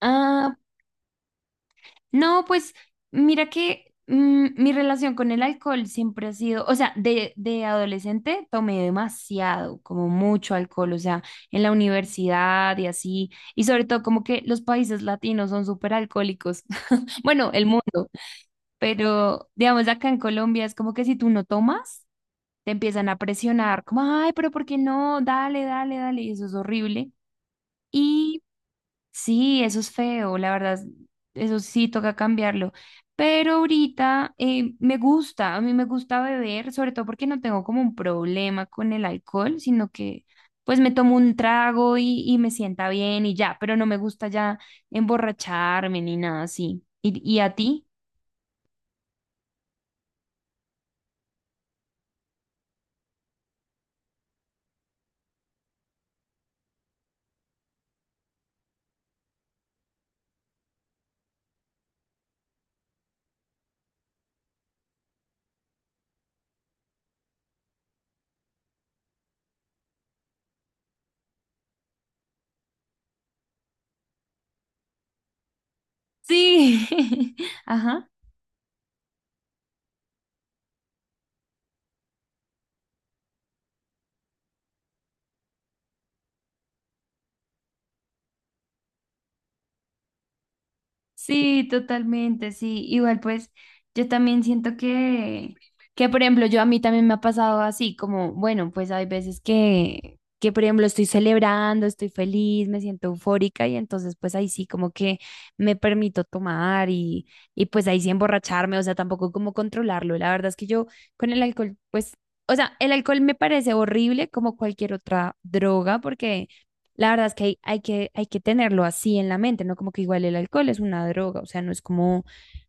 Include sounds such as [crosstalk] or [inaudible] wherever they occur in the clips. Ah, no, pues mira que mi relación con el alcohol siempre ha sido, o sea, de adolescente tomé demasiado, como mucho alcohol, o sea, en la universidad y así, y sobre todo como que los países latinos son súper alcohólicos, [laughs] bueno, el mundo, pero digamos acá en Colombia es como que si tú no tomas, te empiezan a presionar, como, ay, pero ¿por qué no? Dale, dale, dale, y eso es horrible. Y Sí, eso es feo, la verdad, eso sí toca cambiarlo. Pero ahorita me gusta, a mí me gusta beber, sobre todo porque no tengo como un problema con el alcohol, sino que pues me tomo un trago y me sienta bien y ya, pero no me gusta ya emborracharme ni nada así. ¿Y a ti? Sí, [laughs] ajá. Sí, totalmente, sí. Igual pues yo también siento que por ejemplo, yo a mí también me ha pasado así, como, bueno, pues hay veces que por ejemplo estoy celebrando, estoy feliz, me siento eufórica y entonces pues ahí sí como que me permito tomar y pues ahí sí emborracharme, o sea, tampoco como controlarlo. La verdad es que yo con el alcohol, pues, o sea, el alcohol me parece horrible como cualquier otra droga porque... La verdad es que hay que tenerlo así en la mente, ¿no? Como que igual el alcohol es una droga, o sea, no es como,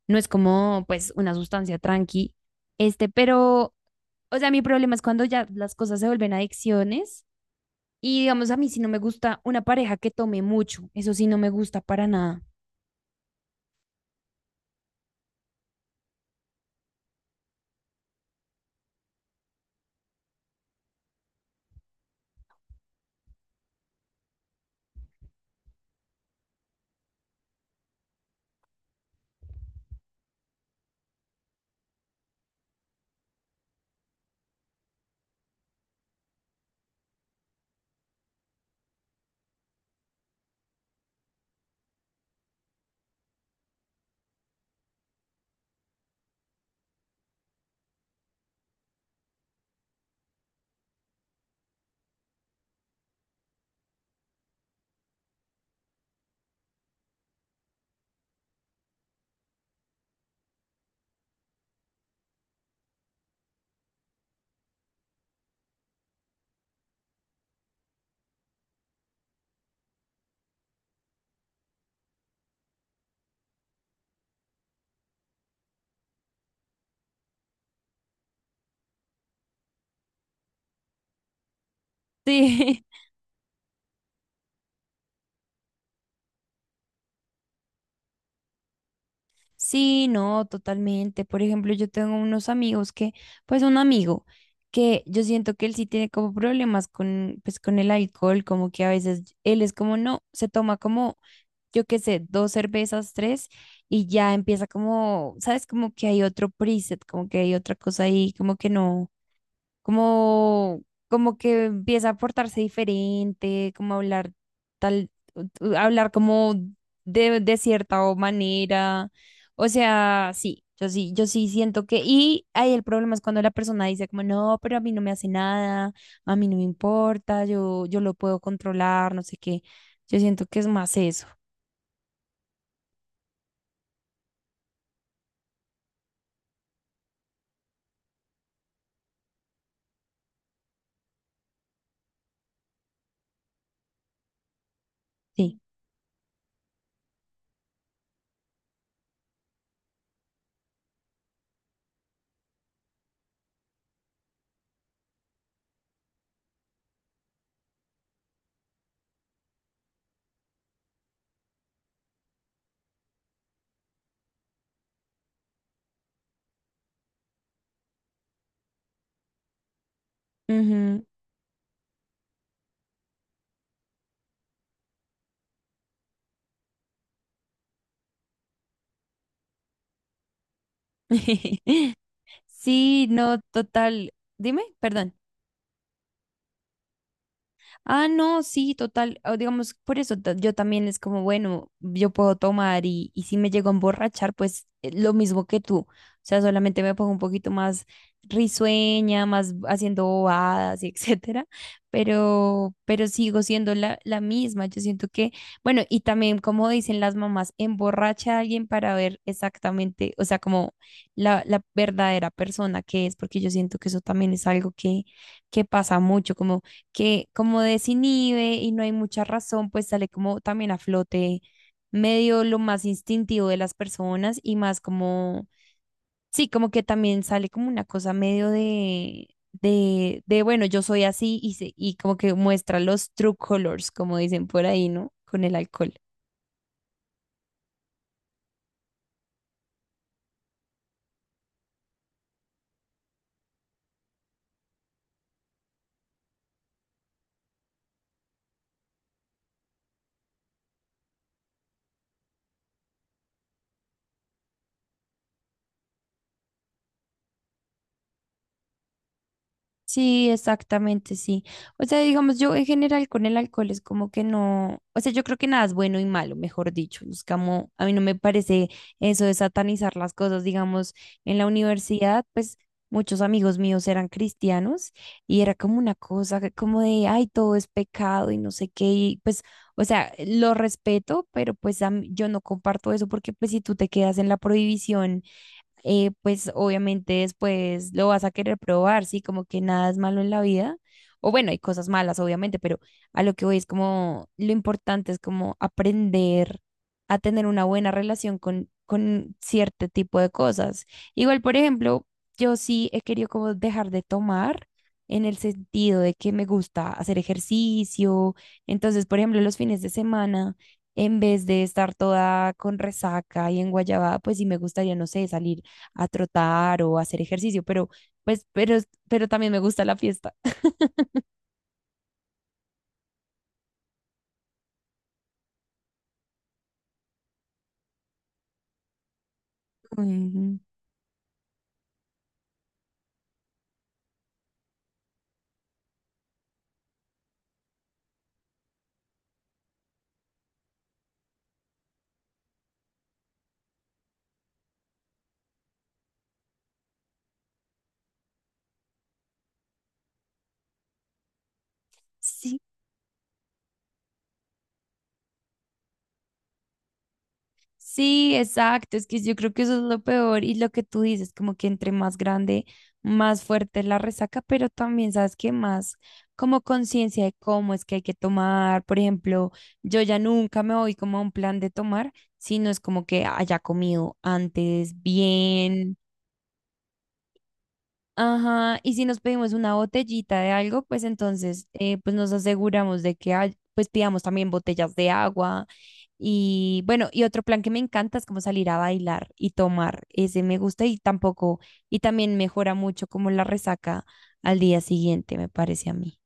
no es como, pues, una sustancia tranqui, este, pero, o sea, mi problema es cuando ya las cosas se vuelven adicciones y, digamos, a mí sí no me gusta una pareja que tome mucho, eso sí no me gusta para nada. Sí, [laughs] sí, no, totalmente. Por ejemplo, yo tengo unos amigos que, pues, un amigo que yo siento que él sí tiene como problemas con, pues, con el alcohol, como que a veces él es como, no, se toma como yo qué sé, dos cervezas, tres, y ya empieza como, ¿sabes? Como que hay otro preset, como que hay otra cosa ahí, como que no, como, como que empieza a portarse diferente, como hablar tal, hablar como de cierta o manera. O sea, sí, yo sí siento que, y ahí el problema es cuando la persona dice como, no, pero a mí no me hace nada, a mí no me importa, yo lo puedo controlar, no sé qué. Yo siento que es más eso. Sí. Ujú. [laughs] Sí, no, total. Dime, perdón. Ah, no, sí, total. O digamos, por eso yo también es como, bueno, yo puedo tomar y si me llego a emborrachar, pues lo mismo que tú. O sea, solamente me pongo un poquito más risueña, más haciendo bobadas y [laughs] etcétera, pero sigo siendo la misma. Yo siento que, bueno, y también como dicen las mamás, emborracha a alguien para ver exactamente, o sea, como la verdadera persona que es, porque yo siento que eso también es algo que pasa mucho, como que como desinhibe y no hay mucha razón, pues sale como también a flote medio lo más instintivo de las personas y más como, sí, como que también sale como una cosa medio de bueno, yo soy así y, y como que muestra los true colors, como dicen por ahí, ¿no? Con el alcohol. Sí, exactamente, sí. O sea, digamos, yo en general con el alcohol es como que no, o sea, yo creo que nada es bueno y malo, mejor dicho. Es como, a mí no me parece eso de satanizar las cosas, digamos, en la universidad, pues muchos amigos míos eran cristianos y era como una cosa que como de, ay, todo es pecado y no sé qué, y pues, o sea, lo respeto, pero pues yo no comparto eso porque pues si tú te quedas en la prohibición pues obviamente después lo vas a querer probar, ¿sí? Como que nada es malo en la vida. O bueno, hay cosas malas, obviamente, pero a lo que voy es como lo importante es como aprender a tener una buena relación con cierto tipo de cosas. Igual, por ejemplo, yo sí he querido como dejar de tomar en el sentido de que me gusta hacer ejercicio. Entonces, por ejemplo, los fines de semana, en vez de estar toda con resaca y en guayabada, pues sí me gustaría, no sé, salir a trotar o a hacer ejercicio, pero pues, pero también me gusta la fiesta. [laughs] Ujú. Sí, sí, exacto. Es que yo creo que eso es lo peor y lo que tú dices, como que entre más grande, más fuerte es la resaca, pero también sabes que más como conciencia de cómo es que hay que tomar. Por ejemplo, yo ya nunca me voy como a un plan de tomar, sino es como que haya comido antes bien. Ajá, y si nos pedimos una botellita de algo, pues entonces pues nos aseguramos de que hay, pues pidamos también botellas de agua. Y bueno, y otro plan que me encanta es como salir a bailar y tomar. Ese me gusta y tampoco, y también mejora mucho como la resaca al día siguiente, me parece a mí.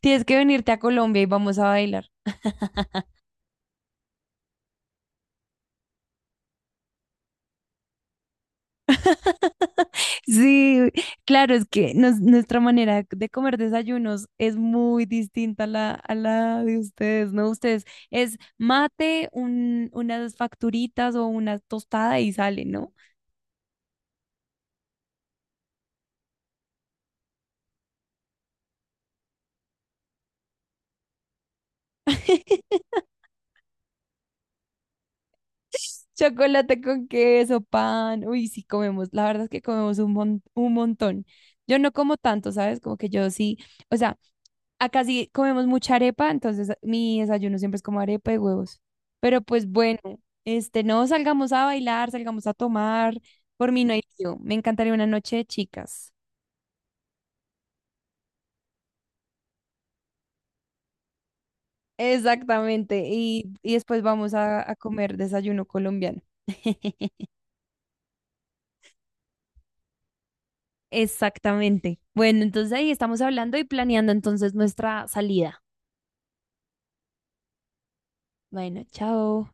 Tienes que venirte a Colombia y vamos a bailar. Sí, claro, es que nuestra manera de comer desayunos es muy distinta a la de ustedes, ¿no? Ustedes es mate, unas facturitas o una tostada y sale, ¿no? [laughs] [laughs] Chocolate con queso, pan. Uy, sí comemos. La verdad es que comemos un montón. Yo no como tanto, ¿sabes? Como que yo sí. O sea, acá sí comemos mucha arepa, entonces mi desayuno siempre es como arepa y huevos. Pero pues bueno, este, no salgamos a bailar, salgamos a tomar. Por mí no hay lío. Me encantaría una noche de chicas. Exactamente. Y después vamos a comer desayuno colombiano. [laughs] Exactamente. Bueno, entonces ahí estamos hablando y planeando entonces nuestra salida. Bueno, chao.